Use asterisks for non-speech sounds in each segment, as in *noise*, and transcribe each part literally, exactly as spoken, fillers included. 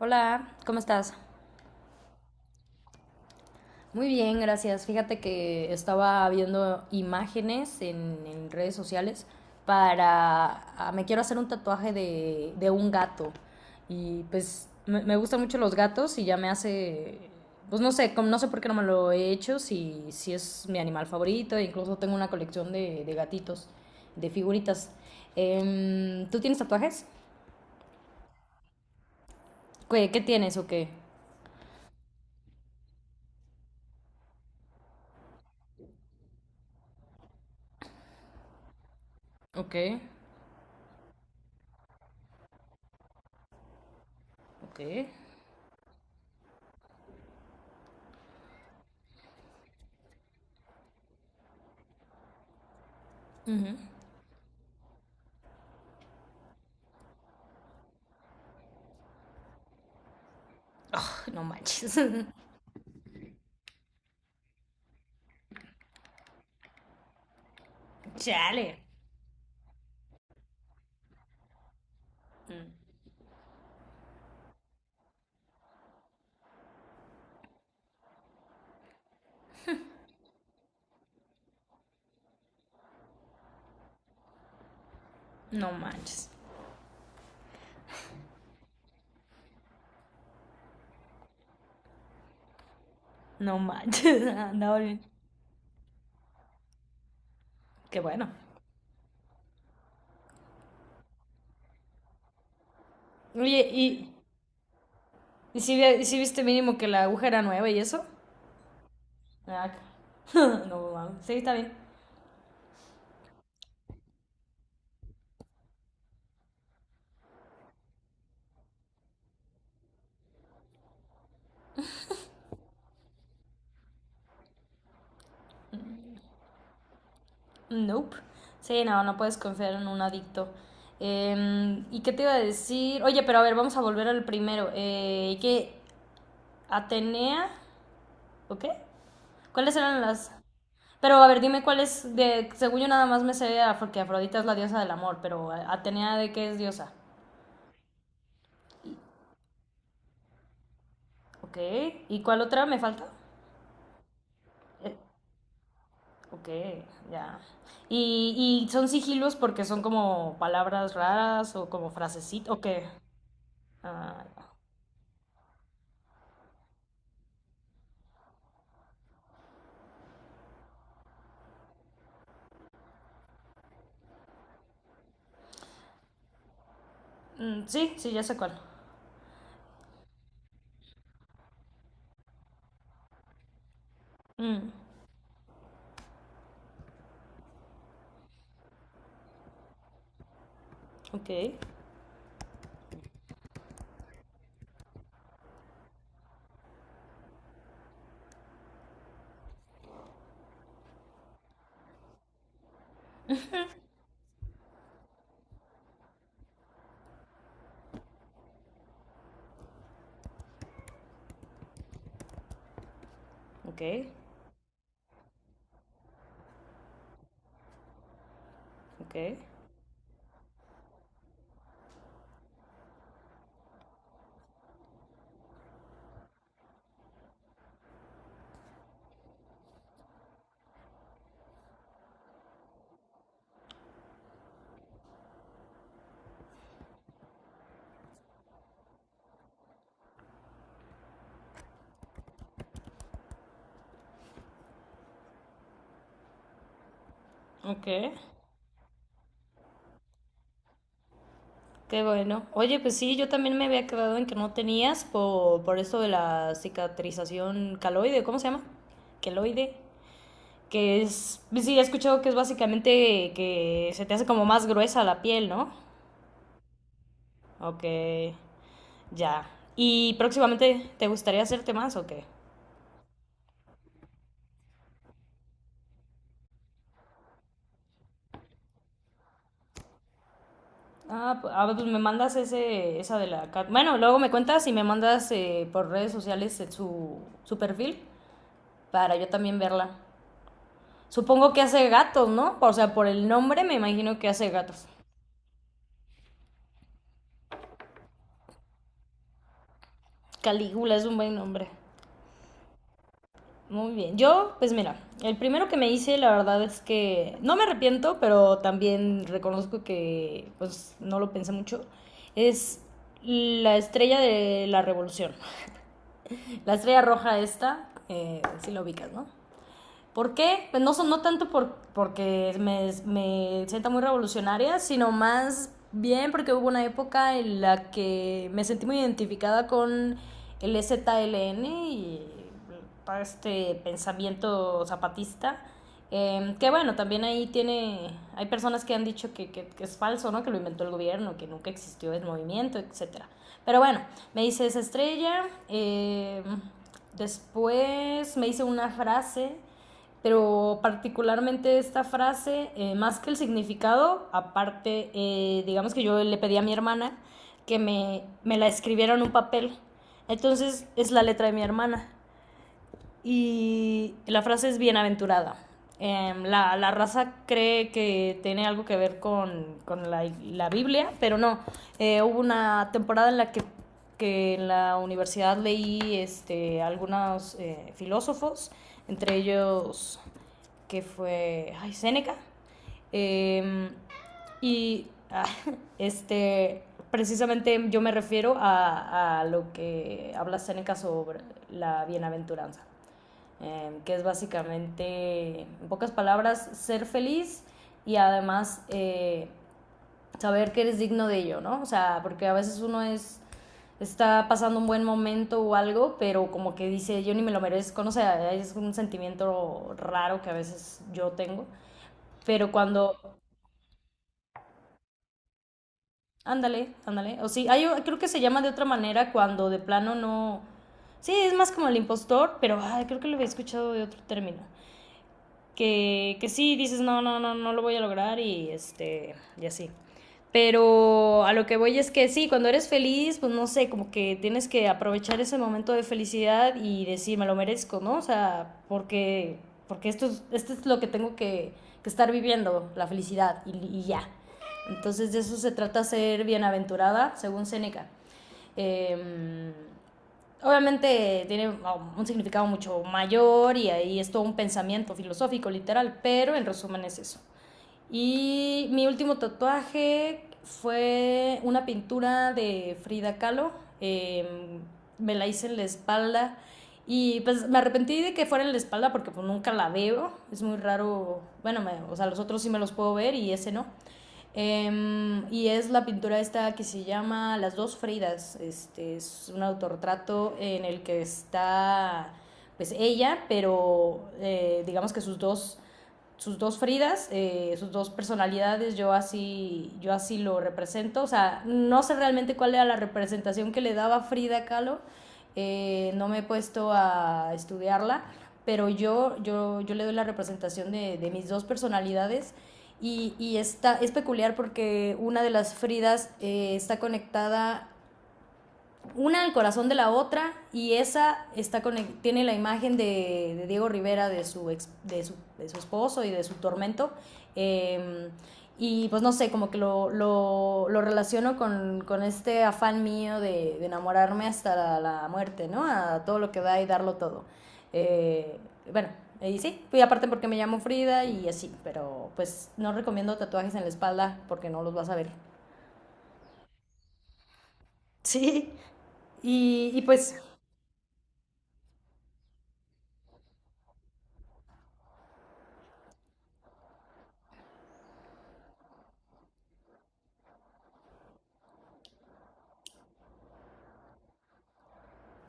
Hola, ¿cómo estás? Muy bien, gracias. Fíjate que estaba viendo imágenes en, en redes sociales. para... ah, Me quiero hacer un tatuaje de, de un gato. Y pues me, me gustan mucho los gatos y ya me hace... Pues no sé, como- no sé por qué no me lo he hecho, si, si es mi animal favorito, e incluso tengo una colección de, de gatitos, de figuritas. Em, ¿tú tienes tatuajes? ¿Qué, qué tienes o qué? Ok, ok. Ujú. No manches. *laughs* Chale. Mm, no manches. No manches. *laughs* Andaba bien. Qué bueno. Oye, ¿y, y si, vi- y si viste mínimo que la aguja era nueva y eso? Ah, *laughs* no mames. Sí, está bien. Nope. Sí, no, no puedes confiar en un adicto. Em, ¿y qué te iba a decir? Oye, pero a ver, vamos a volver al primero. Eh, ¿Qué? ¿Atenea? ¿O qué? ¿Cuáles eran las? Pero a ver, dime cuál es, de, según yo nada más me sé porque Afrodita es la diosa del amor, pero Atenea de qué es diosa. Ok, ¿y cuál otra me falta? Eh, ok, ya. ¿Y, y son sigilos porque son como palabras raras o como frasecitas? Ok. Ah, mm, sí, sí, ya sé cuál. Mm, ok, ok, ok, ok. Qué bueno. Oye, pues sí, yo también me había quedado en que no tenías por, por esto de la cicatrización caloide, ¿cómo se llama? Queloide. Que es, sí, he escuchado que es básicamente que se te hace como más gruesa la piel, ¿no? Ok, ya. ¿Y próximamente te gustaría hacerte más o qué? Ah, pu- ah, pues me mandas ese, esa de la, cat- Bueno, luego me cuentas y me mandas eh, por redes sociales, eh, su, su perfil para yo también verla. Supongo que hace gatos, ¿no? O sea, por el nombre me imagino que hace gatos. Calígula es un buen nombre. Muy bien. Yo, pues mira, el primero que me hice, la verdad es que no me arrepiento, pero también reconozco que pues no lo pensé mucho, es la estrella de la revolución. *laughs* La estrella roja esta, eh, si la ubicas, ¿no? ¿Por qué? Pues no, son- no tanto por, porque me, me sienta muy revolucionaria, sino más bien porque hubo una época en la que me sentí muy identificada con el E Z L N y este pensamiento zapatista. Eh, que bueno, también ahí tiene, hay personas que han dicho que, que- que es falso, ¿no? Que lo inventó el gobierno, que nunca existió el movimiento, etcétera. Pero bueno, me hice esa estrella. Eh, después me hice una frase, pero particularmente esta frase, eh, más que el significado, aparte, eh, digamos que yo le pedí a mi hermana que me, me la escribiera en un papel. Entonces es la letra de mi hermana. Y la frase es bienaventurada. Eh, la, la, raza cree que tiene algo que ver con, con la, la, Biblia, pero no. Eh, hubo una temporada en la que, que en la universidad leí este, algunos eh, filósofos, entre ellos que fue ay, Seneca. Y ah, *laughs* este, precisamente yo me refiero a, a lo que habla Seneca sobre la bienaventuranza, eh, que es básicamente, en pocas palabras, ser feliz y además eh, saber que eres digno de ello, ¿no? O sea, porque a veces uno es está pasando un buen momento o algo, pero como que dice, yo ni me lo merezco, no sé, es un sentimiento raro que a veces yo tengo, pero cuando, ándale, ándale, o sí, hay, creo que se llama de otra manera cuando de plano no, sí, es más como el impostor, pero ay, creo que lo había escuchado de otro término, que, que sí, dices, no, no, no, no lo voy a lograr y, este, y así. Pero a lo que voy es que sí, cuando eres feliz, pues no sé, como que tienes que aprovechar ese momento de felicidad y decir, me lo merezco, ¿no? O sea, porque, porque esto, es, esto es lo que tengo que, que estar viviendo, la felicidad, y, y ya. Entonces de eso se trata ser bienaventurada, según Seneca. Eh, Obviamente tiene wow, un significado mucho mayor, y ahí es todo un pensamiento filosófico literal, pero en resumen es eso. Y mi último tatuaje fue una pintura de Frida Kahlo. eh, Me la hice en la espalda. Y pues me arrepentí de que fuera en la espalda porque pues nunca la veo. Es muy raro. Bueno, me- o sea, los otros sí me los puedo ver y ese no. Em, y es la pintura esta que se llama Las dos Fridas. Este es un autorretrato en el que está pues ella, pero eh, digamos que sus dos sus dos Fridas, eh, sus dos personalidades, yo así, yo así lo represento. O sea, no sé realmente cuál era la representación que le daba Frida Kahlo, eh, no me he puesto a estudiarla, pero yo, yo, yo le doy la representación de, de mis dos personalidades. Y, y está, es peculiar porque una de las Fridas eh, está conectada una al corazón de la otra, y esa está con el, tiene la imagen de, de Diego Rivera, de su, ex, de, su, de su esposo y de su tormento. Eh, y pues no sé, como que lo, lo, lo relaciono con, con, este afán mío de, de enamorarme hasta la, la, muerte, ¿no? A todo lo que da y darlo todo. Eh, bueno, y sí, y aparte porque me llamo Frida y así, pero pues no recomiendo tatuajes en la espalda porque no los vas a ver. Sí. Y, y pues,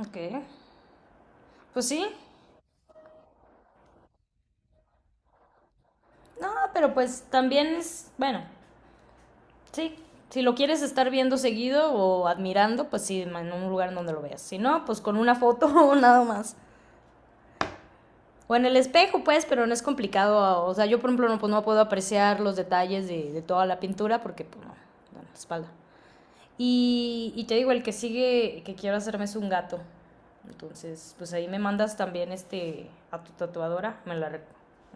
okay. Pues sí, no, pero pues también es, bueno, sí, si lo quieres estar viendo seguido o admirando, pues sí, en un lugar donde lo veas. Si no, pues con una foto *laughs* o nada más. O en el espejo, pues, pero no es complicado. O sea, yo, por ejemplo, no, pues, no puedo apreciar los detalles de, de toda la pintura porque, pues, no, no, la espalda. Y, y te digo, el que sigue que quiero hacerme es un gato. Entonces, pues ahí me mandas también este a tu tatuadora, me la, me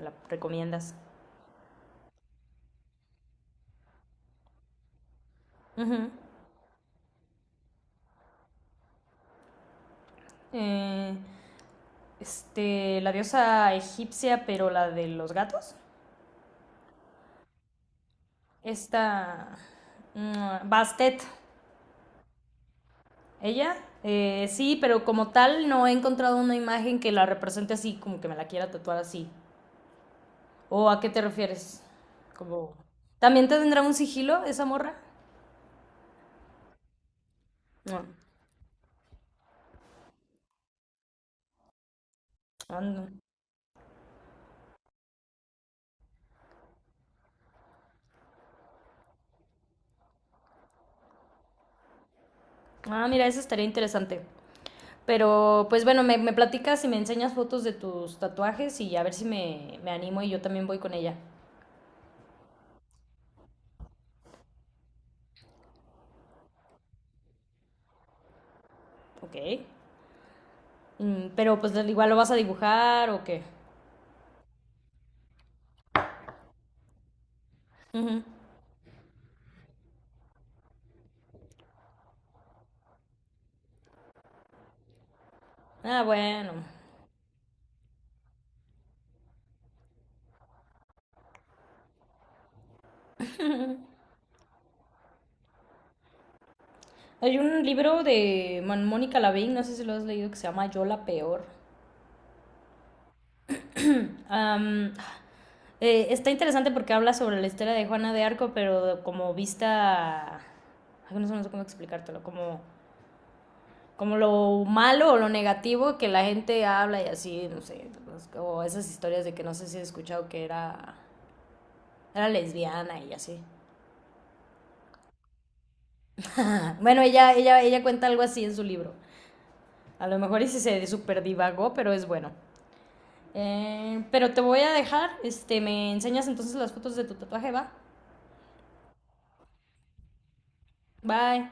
la recomiendas. Ujú. Eh, Este, la diosa egipcia, pero la de los gatos. Esta. mm, Bastet. Ella. Eh, sí, pero como tal no he encontrado una imagen que la represente así, como que me la quiera tatuar así. ¿O a qué te refieres? Como. ¿También tendrá un sigilo esa morra? No. Ah, no. Ah, mira, eso estaría interesante. Pero, pues bueno, me, me platicas y me enseñas fotos de tus tatuajes y a ver si me, me animo y yo también voy con ella. Ok. Mm, pero pues igual lo vas a dibujar o qué. Ujú. Ah, bueno. Hay un libro de Mon- Mónica Lavín, no sé si lo has leído, que se llama Yo la Peor. Am, eh, Está interesante porque habla sobre la historia de Juana de Arco, pero como vista. Ay, no sé, no sé cómo explicártelo, como, como lo malo o lo negativo que la gente habla y así, no sé, pues, o esas historias de que no sé si he escuchado que era, era lesbiana y así. Ah, bueno, ella, ella, ella cuenta algo así en su libro. A lo mejor ese se super divagó, pero es bueno. Eh, pero te voy a dejar, este, me enseñas entonces las fotos de tu tatuaje, va. Bye.